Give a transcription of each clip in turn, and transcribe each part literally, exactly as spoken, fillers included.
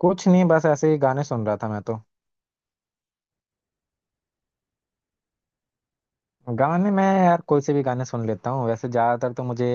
कुछ नहीं, बस ऐसे ही गाने सुन रहा था मैं तो। गाने मैं यार कोई से भी गाने सुन लेता हूँ, वैसे ज्यादातर तो मुझे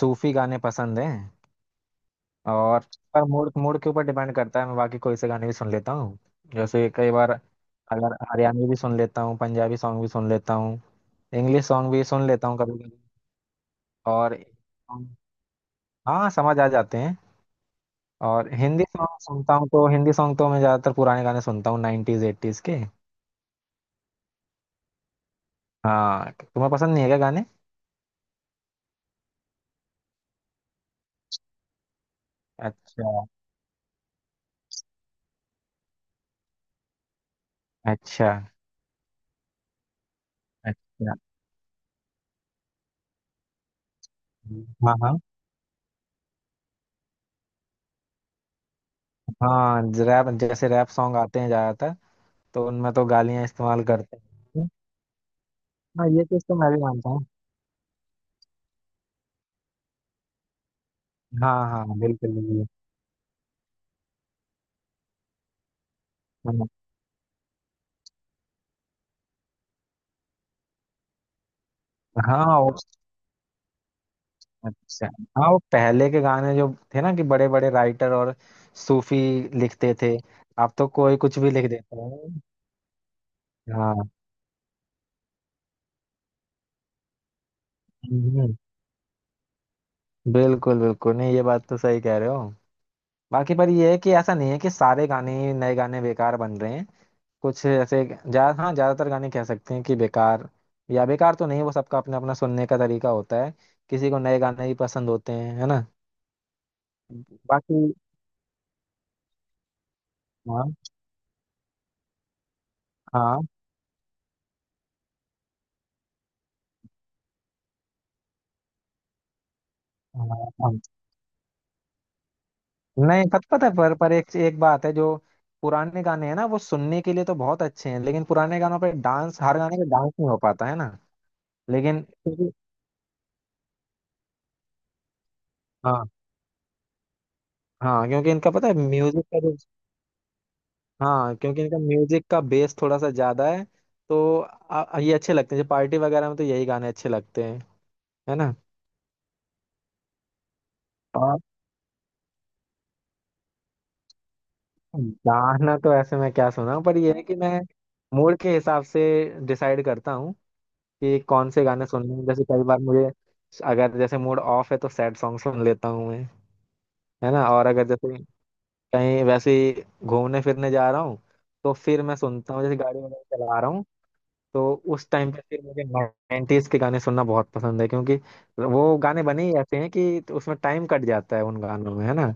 सूफी गाने पसंद हैं। और पर मूड मूड के ऊपर डिपेंड करता है, मैं बाकी कोई से गाने भी सुन लेता हूँ। जैसे कई बार अगर हरियाणवी भी सुन लेता हूँ, पंजाबी सॉन्ग भी सुन लेता हूँ, इंग्लिश सॉन्ग भी सुन लेता हूँ कभी कभी। और हाँ, समझ आ जाते हैं। और हिंदी सॉन्ग सुनता हूँ तो हिंदी सॉन्ग तो मैं ज्यादातर पुराने गाने सुनता हूँ, नाइनटीज एट्टीज के। हाँ, तुम्हें पसंद नहीं है क्या गाने? अच्छा अच्छा। अच्छा। हाँ हाँ। हाँ, रैप, जैसे रैप सॉन्ग आते हैं ज्यादातर, तो उनमें तो गालियां इस्तेमाल करते हैं। हाँ, ये चीज तो मैं भी मानता हूँ। हाँ हाँ, बिल्कुल बिल्कुल। हाँ हाँ, वो अच्छा। हाँ, वो पहले के गाने जो थे ना कि बड़े बड़े राइटर और सूफी लिखते थे, अब तो कोई कुछ भी लिख देता है। हाँ। हम्म, बिल्कुल बिल्कुल, नहीं ये बात तो सही कह रहे हो। बाकी पर ये है कि ऐसा नहीं है कि सारे गाने ही नए गाने बेकार बन रहे हैं। कुछ ऐसे जा हाँ, ज्यादातर गाने कह सकते हैं कि बेकार, या बेकार तो नहीं, वो सबका अपना अपना सुनने का तरीका होता है। किसी को नए गाने ही पसंद होते हैं, है ना। बाकी हाँ हाँ। हाँ हाँ। नहीं पत, पता है, पर पर एक एक बात है जो पुराने गाने हैं ना, वो सुनने के लिए तो बहुत अच्छे हैं, लेकिन पुराने गानों पे डांस, हर गाने पे डांस नहीं हो पाता, है ना। लेकिन क्योंकि- हाँ, हाँ क्योंकि इनका पता है म्यूजिक का जो, हाँ क्योंकि इनका म्यूजिक का बेस थोड़ा सा ज्यादा है, तो आ, ये अच्छे लगते हैं, जैसे पार्टी वगैरह में तो यही गाने अच्छे लगते हैं, है ना। और गाना तो ऐसे मैं क्या सुना हूँ, पर ये है कि मैं मूड के हिसाब से डिसाइड करता हूँ कि कौन से गाने सुनने हैं। जैसे कई बार मुझे अगर जैसे मूड ऑफ है तो सैड सॉन्ग सुन लेता हूँ मैं, है ना। और अगर जैसे कहीं वैसे ही घूमने फिरने जा रहा हूँ तो फिर मैं सुनता हूँ, जैसे गाड़ी वगैरह चला रहा हूँ, तो उस टाइम पे फिर मुझे नाइंटीज़ के गाने सुनना बहुत पसंद है, क्योंकि वो गाने बने ही ऐसे हैं कि, तो उसमें टाइम कट जाता है उन गानों में, है ना।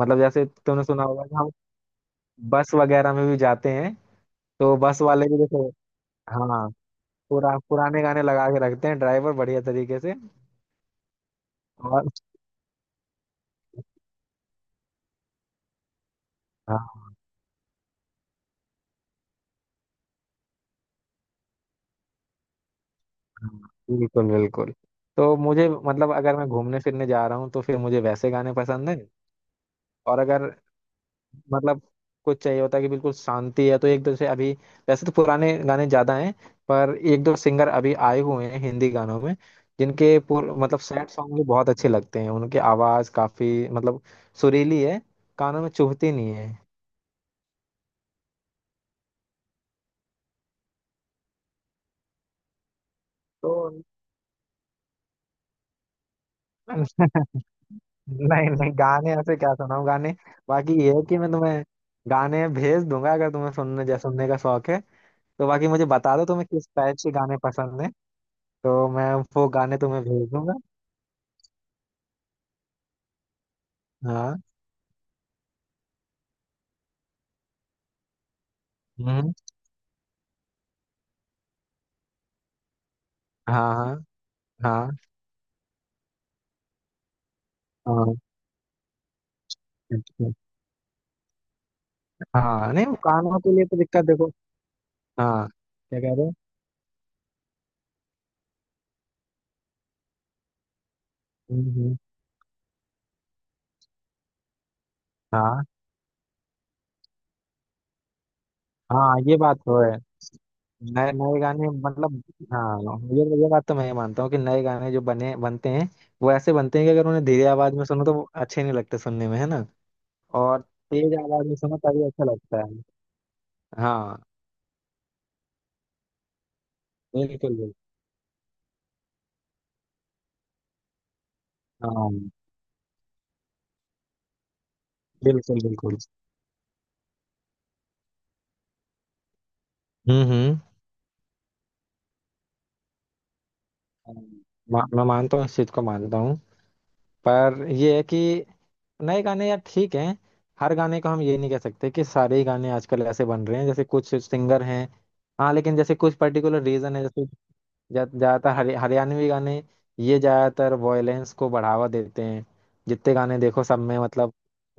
मतलब जैसे तुमने सुना होगा कि हम बस वगैरह में भी जाते हैं, तो बस वाले भी जैसे हाँ पुरा पुराने गाने लगा के रखते हैं ड्राइवर बढ़िया तरीके से। और हाँ हाँ, बिल्कुल बिल्कुल। तो मुझे मतलब अगर मैं घूमने फिरने जा रहा हूँ तो फिर मुझे वैसे गाने पसंद है। और अगर मतलब कुछ चाहिए होता है कि बिल्कुल शांति है, तो एक दो से अभी वैसे तो पुराने गाने ज्यादा हैं, पर एक दो सिंगर अभी आए हुए हैं हिंदी गानों में, जिनके पूर, मतलब सैड सॉन्ग भी बहुत अच्छे लगते हैं, उनकी आवाज काफी मतलब सुरीली है, कानों में चुभती नहीं है। तो नहीं नहीं, गाने ऐसे क्या सुनाऊं गाने। बाकी ये है कि मैं तुम्हें गाने भेज दूंगा अगर तुम्हें सुनने जै सुनने का शौक है, तो बाकी मुझे बता दो तुम्हें किस टाइप के गाने पसंद है, तो मैं वो गाने तुम्हें भेज दूंगा। हाँ हाँ। हाँ हाँ। हाँ। अच्छा, अच्छा। हाँ, नहीं वो कानों के लिए तो दिक्कत, देखो। हाँ, क्या कह रहे हो। हम्म, हम्म, हाँ, हाँ ये बात तो है, नए नए गाने मतलब। हाँ, ये ये बात तो मैं मानता हूँ कि नए गाने जो बने बनते हैं, वो ऐसे बनते हैं कि अगर उन्हें धीरे आवाज में सुनो तो वो अच्छे नहीं लगते सुनने में, है ना। और तेज आवाज में सुनो तभी अच्छा लगता है। हाँ, बिल्कुल बिल्कुल। हाँ बिल्कुल बिल्कुल। हम्म हम्म हाँ, मैं मानता हूँ, इस चीज को मानता हूँ। पर ये है कि नए गाने यार ठीक हैं, हर गाने को हम ये नहीं कह सकते कि सारे ही गाने आजकल ऐसे बन रहे हैं, जैसे कुछ सिंगर हैं। हाँ, लेकिन जैसे कुछ पर्टिकुलर रीजन है, जैसे ज़्यादातर हरि, हरियाणवी गाने ये ज़्यादातर वॉयलेंस को बढ़ावा देते हैं, जितने गाने देखो सब में मतलब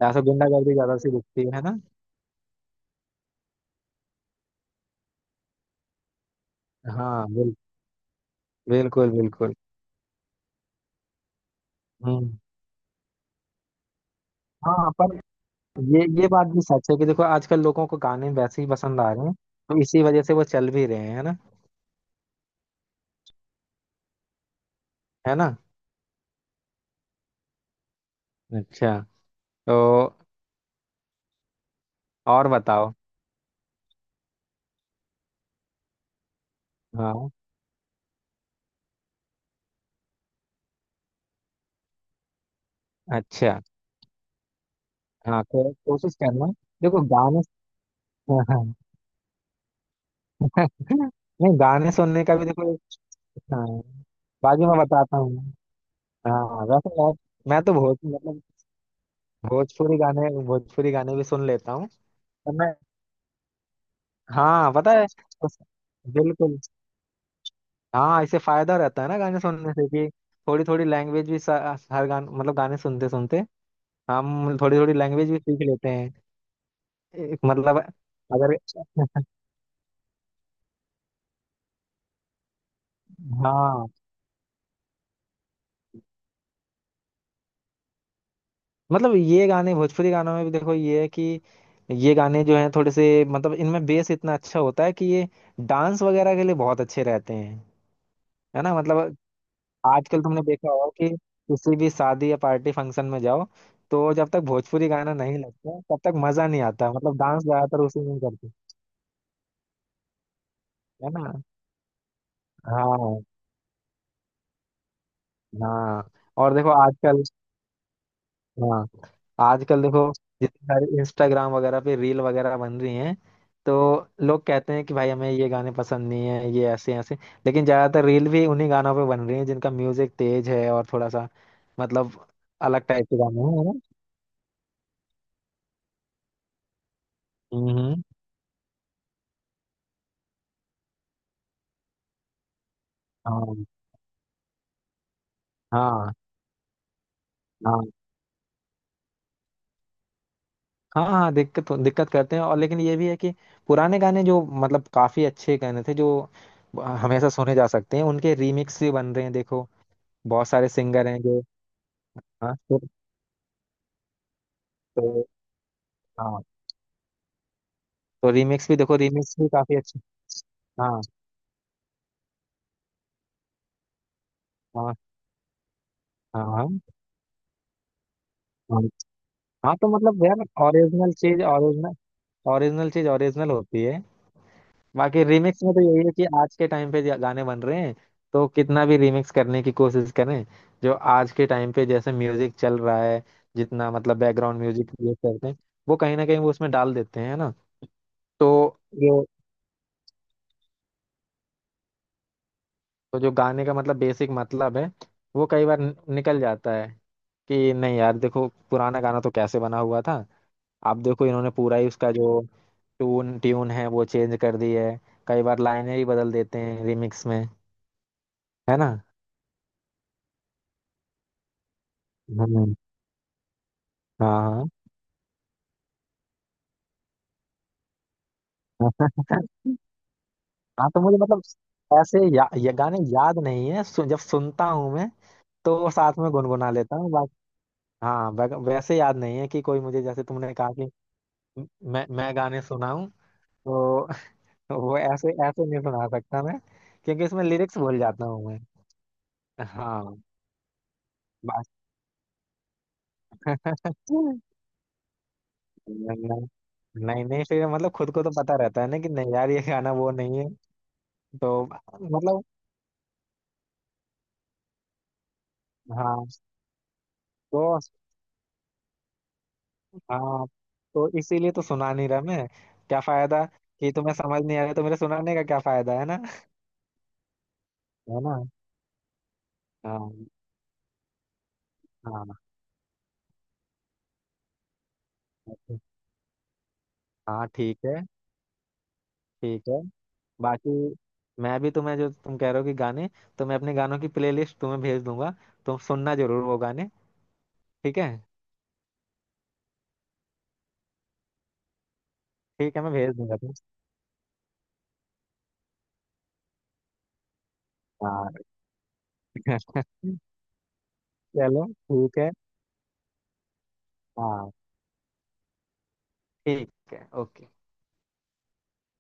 ऐसा गुंडागर्दी ज़्यादा सी दिखती है ना। हाँ बिल, बिल्कुल बिल्कुल। हम्म हाँ, पर ये ये बात भी सच है कि देखो आजकल लोगों को गाने वैसे ही पसंद आ रहे हैं, तो इसी वजह से वो चल भी रहे हैं, है ना। है ना। अच्छा, तो और बताओ। हाँ। अच्छा। हाँ को, कोशिश करना, देखो गाने। नहीं, गाने सुनने का भी देखो, हाँ बाकी मैं बताता हूँ। हाँ, वैसे यार मैं तो भोज मतलब भोजपुरी गाने भोजपुरी गाने भी सुन लेता हूँ, पर मैं हाँ पता है उस- बिल्कुल। हाँ, इससे फायदा रहता है ना गाने सुनने से कि थोड़ी थोड़ी लैंग्वेज भी सा- हर गान मतलब गाने सुनते सुनते हम थोड़ी थोड़ी लैंग्वेज भी सीख लेते हैं। एक मतलब, अगर हाँ मतलब, ये गाने भोजपुरी गानों में भी देखो, ये है कि ये गाने जो हैं थोड़े से मतलब इनमें बेस इतना अच्छा होता है कि ये डांस वगैरह के लिए बहुत अच्छे रहते हैं, है ना। मतलब आजकल तुमने देखा होगा कि किसी भी शादी या पार्टी फंक्शन में जाओ, तो जब तक भोजपुरी गाना नहीं लगता तब तक मजा नहीं आता, मतलब डांस ज्यादातर उसी में ही करते हैं, है ना। हाँ हाँ। और देखो आजकल। हाँ, आजकल देखो जितनी सारी इंस्टाग्राम वगैरह पे रील वगैरह बन रही हैं, तो लोग कहते हैं कि भाई हमें ये गाने पसंद नहीं है, ये ऐसे ऐसे, लेकिन ज्यादातर रील भी उन्हीं गानों पे बन रही हैं जिनका म्यूजिक तेज है और थोड़ा सा मतलब अलग टाइप के गाने हैं, है ना। हम्म। हाँ हाँ। हाँ हाँ। हाँ, दिक्कत दिक्कत करते हैं और, लेकिन ये भी है कि पुराने गाने जो मतलब काफी अच्छे गाने थे जो हमेशा सुने जा सकते हैं, उनके रीमिक्स भी बन रहे हैं, देखो बहुत सारे सिंगर हैं जो हाँ तो, तो, हाँ तो रीमिक्स भी, देखो रीमिक्स भी काफी अच्छे। हाँ हाँ। हाँ हाँ। हाँ, हाँ, तो मतलब यार ओरिजिनल चीज ओरिजिनल, ओरिजिनल चीज ओरिजिनल होती है। बाकी रीमिक्स में तो यही है कि आज के टाइम पे जा- गाने बन रहे हैं, तो कितना भी रीमिक्स करने की कोशिश करें, जो आज के टाइम पे जैसे म्यूजिक चल रहा है, जितना मतलब बैकग्राउंड म्यूजिक यूज करते हैं, वो कहीं ना कहीं वो उसमें डाल देते हैं, है ना। तो जो तो जो गाने का मतलब बेसिक मतलब है, वो कई बार नि- निकल जाता है कि नहीं यार देखो पुराना गाना तो कैसे बना हुआ था, अब देखो इन्होंने पूरा ही उसका जो ट्यून ट्यून है वो चेंज कर दी है, कई बार लाइनें ही बदल देते हैं रिमिक्स में, है ना। हम्म, हाँ। हाँ, तो मुझे मतलब ऐसे या, ये गाने याद नहीं है, सु, जब सुनता हूँ मैं तो साथ में गुनगुना लेता हूँ बाकी। हाँ वै- वैसे याद नहीं है कि कोई, मुझे जैसे तुमने कहा कि म- मैं मैं गाने सुनाऊं तो वो ऐसे ऐसे नहीं सुना सकता मैं, क्योंकि इसमें लिरिक्स भूल जाता हूँ मैं। हाँ, बस। नहीं नहीं, फिर मतलब खुद को तो पता रहता है ना कि नहीं यार ये गाना वो नहीं है। तो मतलब हाँ तो हाँ तो इसीलिए तो सुना नहीं रहा मैं, क्या फायदा, कि तुम्हें समझ नहीं आ रहा तो मेरे सुनाने का क्या फायदा, है ना। है ना। हाँ हाँ। हाँ ठीक है। ठीक है। बाकी मैं भी तुम्हें जो तुम कह रहे हो कि गाने, तो मैं अपने गानों की प्लेलिस्ट तुम्हें भेज दूंगा, तुम सुनना जरूर वो गाने। ठीक है। ठीक है, मैं भेज दूंगा तुम। हाँ। चलो ठीक है। हाँ, ठीक है, ओके।